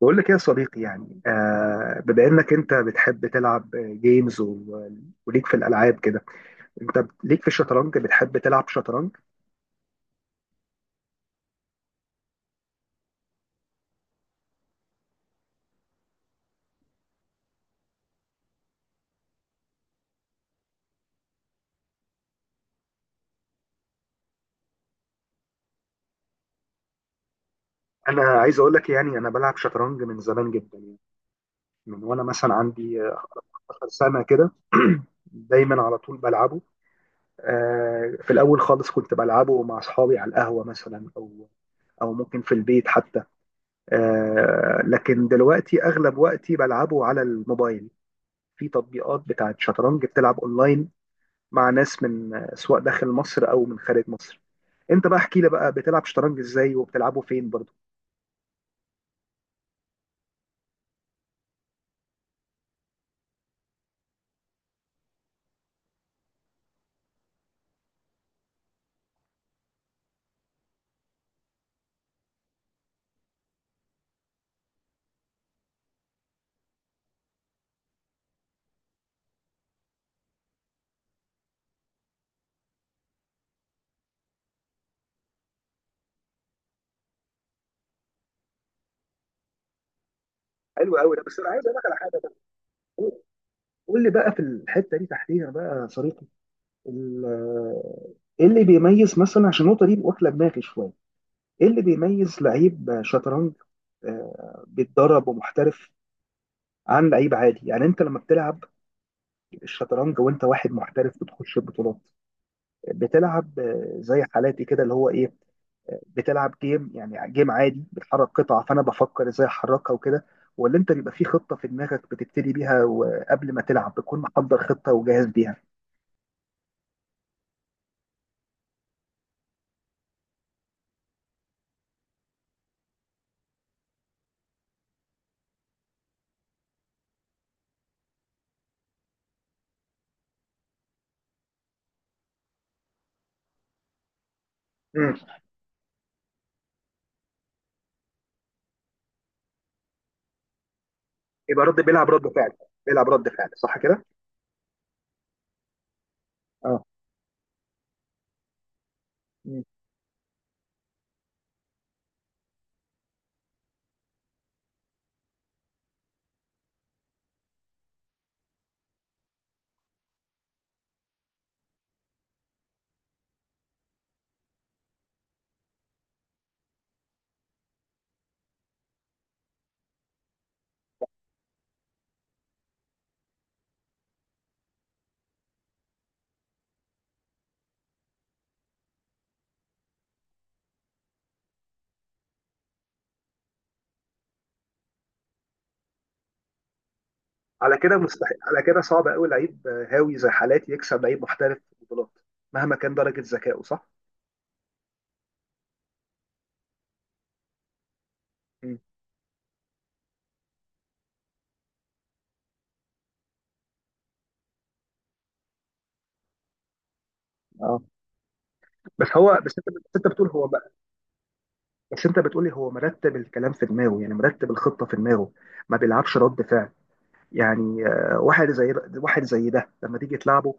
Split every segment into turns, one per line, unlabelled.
بقول لك ايه يا صديقي؟ يعني، بما انك انت بتحب تلعب جيمز وليك في الالعاب كده. انت ليك في الشطرنج، بتحب تلعب شطرنج؟ انا عايز اقول لك، يعني انا بلعب شطرنج من زمان جدا، يعني من وانا مثلا عندي 15 سنه كده. دايما على طول بلعبه. في الاول خالص كنت بلعبه مع اصحابي على القهوه مثلا، او ممكن في البيت حتى. لكن دلوقتي اغلب وقتي بلعبه على الموبايل، في تطبيقات بتاعت شطرنج بتلعب اونلاين مع ناس من، سواء داخل مصر او من خارج مصر. انت بقى احكي لي بقى، بتلعب شطرنج ازاي وبتلعبه فين برضه؟ حلو قوي ده، بس انا عايز اقول لك على حاجه بقى. قول، قول لي بقى، في الحته دي تحديدا بقى يا صديقي، ال- ايه اللي بيميز مثلا، عشان النقطه دي واكله دماغي شويه، ايه اللي بيميز لعيب شطرنج بيتدرب ومحترف، عن لعيب عادي؟ يعني انت لما بتلعب الشطرنج وانت واحد محترف بتخش البطولات، بتلعب زي حالاتي كده اللي هو ايه، بتلعب جيم، يعني جيم عادي بتحرك قطع، فانا بفكر ازاي احركها وكده؟ ولا انت بيبقى في خطه في دماغك بتبتدي بيها، وقبل ما تلعب بتكون محضر خطه وجاهز بيها؟ امم. يبقى رد بيلعب رد فعل، بيلعب رد فعل، صح كده؟ اه. مم. على كده مستحيل، على كده صعب قوي لعيب هاوي زي حالاتي يكسب لعيب محترف في البطولات، مهما كان درجه ذكائه، صح؟ مم. اه. بس انت بتقول هو بقى، بس انت بتقولي هو مرتب الكلام في دماغه، يعني مرتب الخطه في دماغه، ما بيلعبش رد فعل. يعني واحد زي ده لما تيجي تلعبه،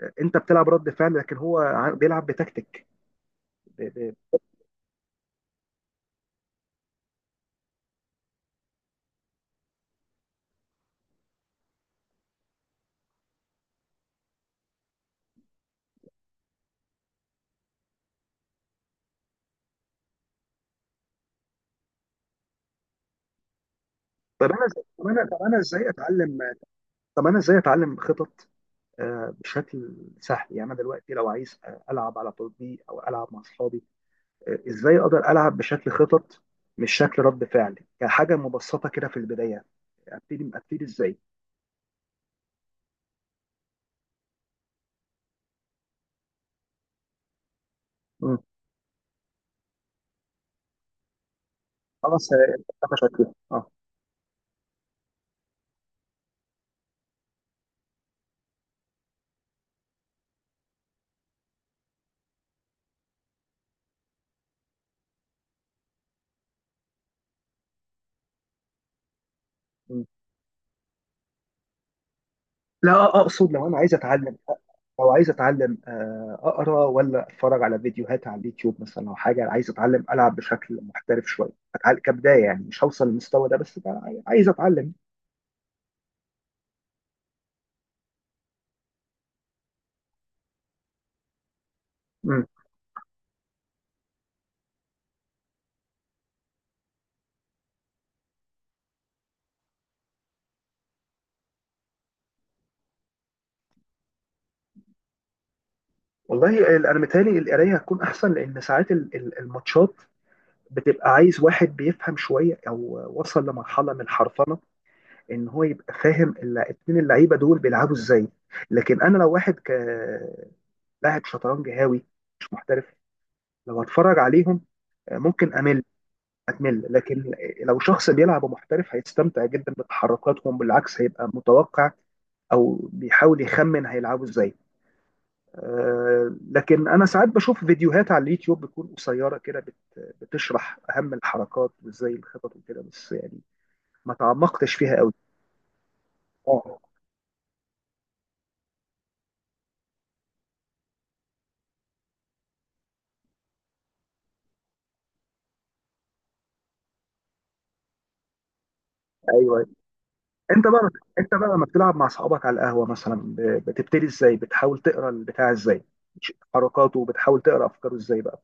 انت بتلعب رد فعل، لكن هو بيلعب بتكتيك. ب- ب- طب انا طب انا طب انا ازاي اتعلم طب انا ازاي اتعلم خطط، بشكل سهل. يعني انا دلوقتي لو عايز العب على تطبيق، او العب مع اصحابي، ازاي اقدر العب بشكل خطط، مش شكل رد فعل، كحاجه مبسطه كده في البدايه؟ ابتدي، ابتدي ازاي؟ مم. خلاص. انت شكلها. اه. لا، اقصد لو انا عايز اتعلم، لو عايز اتعلم، اقرا ولا اتفرج على فيديوهات على اليوتيوب مثلا، او حاجه؟ عايز اتعلم العب بشكل محترف شويه، أتعلم كبدايه، يعني مش هوصل للمستوى ده، بس بقى عايز اتعلم. مم. والله، انا متهيألي القرايه هتكون احسن، لان ساعات الماتشات بتبقى عايز واحد بيفهم شويه، او وصل لمرحله من الحرفنه، ان هو يبقى فاهم اتنين اللعيبه دول بيلعبوا ازاي. لكن انا لو واحد ك لاعب شطرنج هاوي، مش محترف، لو هتفرج عليهم ممكن امل، اتمل. لكن لو شخص بيلعب محترف هيستمتع جدا بتحركاتهم، بالعكس هيبقى متوقع او بيحاول يخمن هيلعبوا ازاي. لكن انا ساعات بشوف فيديوهات على اليوتيوب، بتكون قصيره كده، بتشرح اهم الحركات، وازاي الخطط وكده، بس يعني ما تعمقتش فيها قوي. اه. ايوه، انت بقى انت بقى لما بتلعب مع اصحابك على القهوه مثلا، بتبتدي ازاي؟ بتحاول تقرا البتاع ازاي حركاته، وبتحاول تقرا افكاره ازاي بقى؟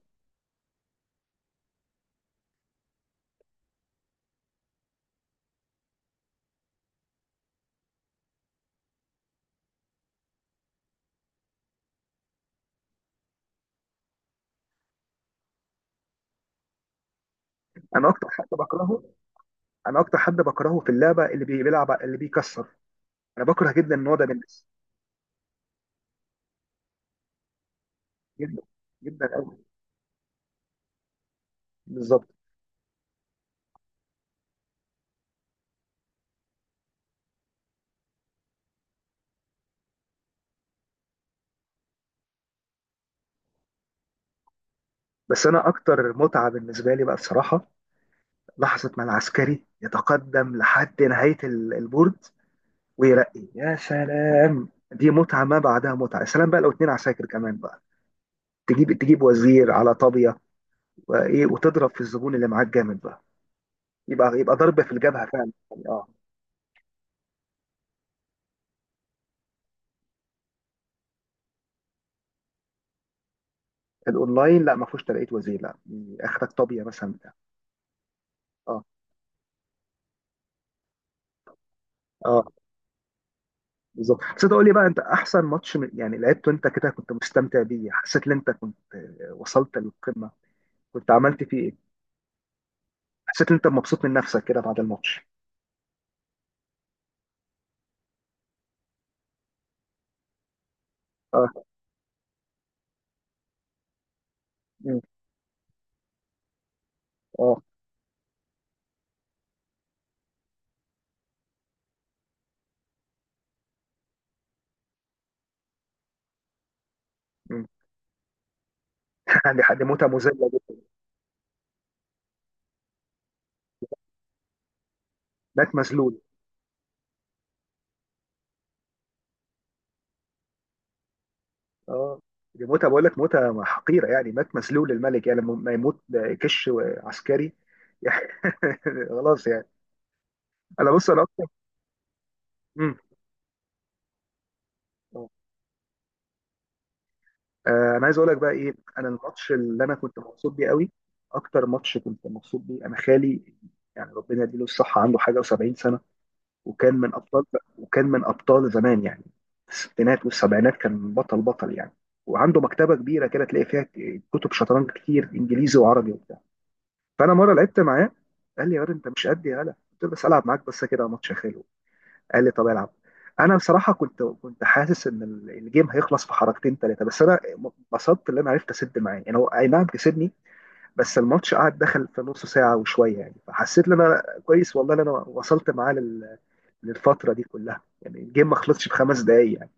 انا اكتر حاجه بكرهه، انا اكتر حد بكرهه في اللعبه اللي بيلعب اللي بيكسر، انا بكره جدا النوع ده من الناس، جدا جدا قوي. بالظبط. بس انا اكتر متعه بالنسبه لي بقى الصراحه، لحظه ما العسكري يتقدم لحد نهايه البورد ويرقي، يا سلام، دي متعه ما بعدها متعه. يا سلام بقى لو اتنين عساكر كمان بقى، تجيب، تجيب وزير على طابيه وايه، وتضرب في الزبون اللي معاك جامد بقى. يبقى ضرب في الجبهه فعلا يعني. اه. الاونلاين لا، ما فيهوش ترقيه وزير، لا، اخرك طابيه مثلا بتاع. اه. اه، بالظبط. بس تقول لي بقى، انت احسن ماتش يعني لعبته انت كده، كنت مستمتع بيه، حسيت ان انت كنت وصلت للقمه؟ كنت عملت فيه ايه؟ حسيت ان انت مبسوط من نفسك كده بعد الماتش؟ اه. مم. اه. مم. يعني حد موته مذله جدا. مات مذلول. اه، دي موته، بقول لك موته حقيره، يعني مات مذلول الملك، يعني لما ما يموت، كش عسكري. يعني خلاص يعني. انا بص، انا اكتر. مم. آه. انا عايز اقول لك بقى ايه، انا الماتش اللي انا كنت مبسوط بيه قوي، اكتر ماتش كنت مبسوط بيه، انا خالي، يعني ربنا يديله الصحه، عنده حاجه و70 سنه، وكان من ابطال، وكان من ابطال زمان يعني، في الستينات والسبعينات كان بطل بطل يعني. وعنده مكتبه كبيره كده، تلاقي فيها كتب شطرنج كتير، انجليزي وعربي وبتاع. فانا مره لعبت معاه، قال لي يا واد انت مش قد، يا هلا قلت له، بس العب معاك بس كده ماتش يا خالي. قال لي طب العب. انا بصراحه كنت حاسس ان الجيم هيخلص في حركتين ثلاثه، بس انا انبسطت ان انا عرفت اسد معاه، يعني هو اي نعم كسبني، بس الماتش قعد، دخل في نص ساعه وشويه يعني، فحسيت ان انا كويس، والله ان انا وصلت معاه للفتره دي كلها، يعني الجيم ما خلصش في 5 دقايق يعني.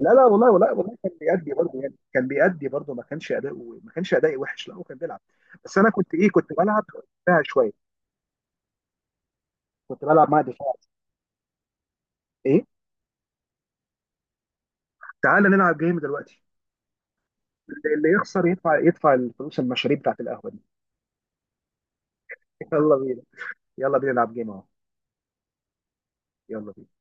لا لا، والله والله والله، كان بيأدي برضه يعني، كان بيأدي برضه، ما كانش اداؤه، ما كانش ادائي وحش، لا هو كان بيلعب. بس انا كنت ايه، كنت بلعب دفاع شويه، كنت بلعب مع دفاع. ايه. تعال نلعب جيم دلوقتي، اللي يخسر يدفع، يدفع الفلوس المشاريب بتاعت القهوه دي. يلا بينا، يلا بينا نلعب جيم اهو، يلا بينا.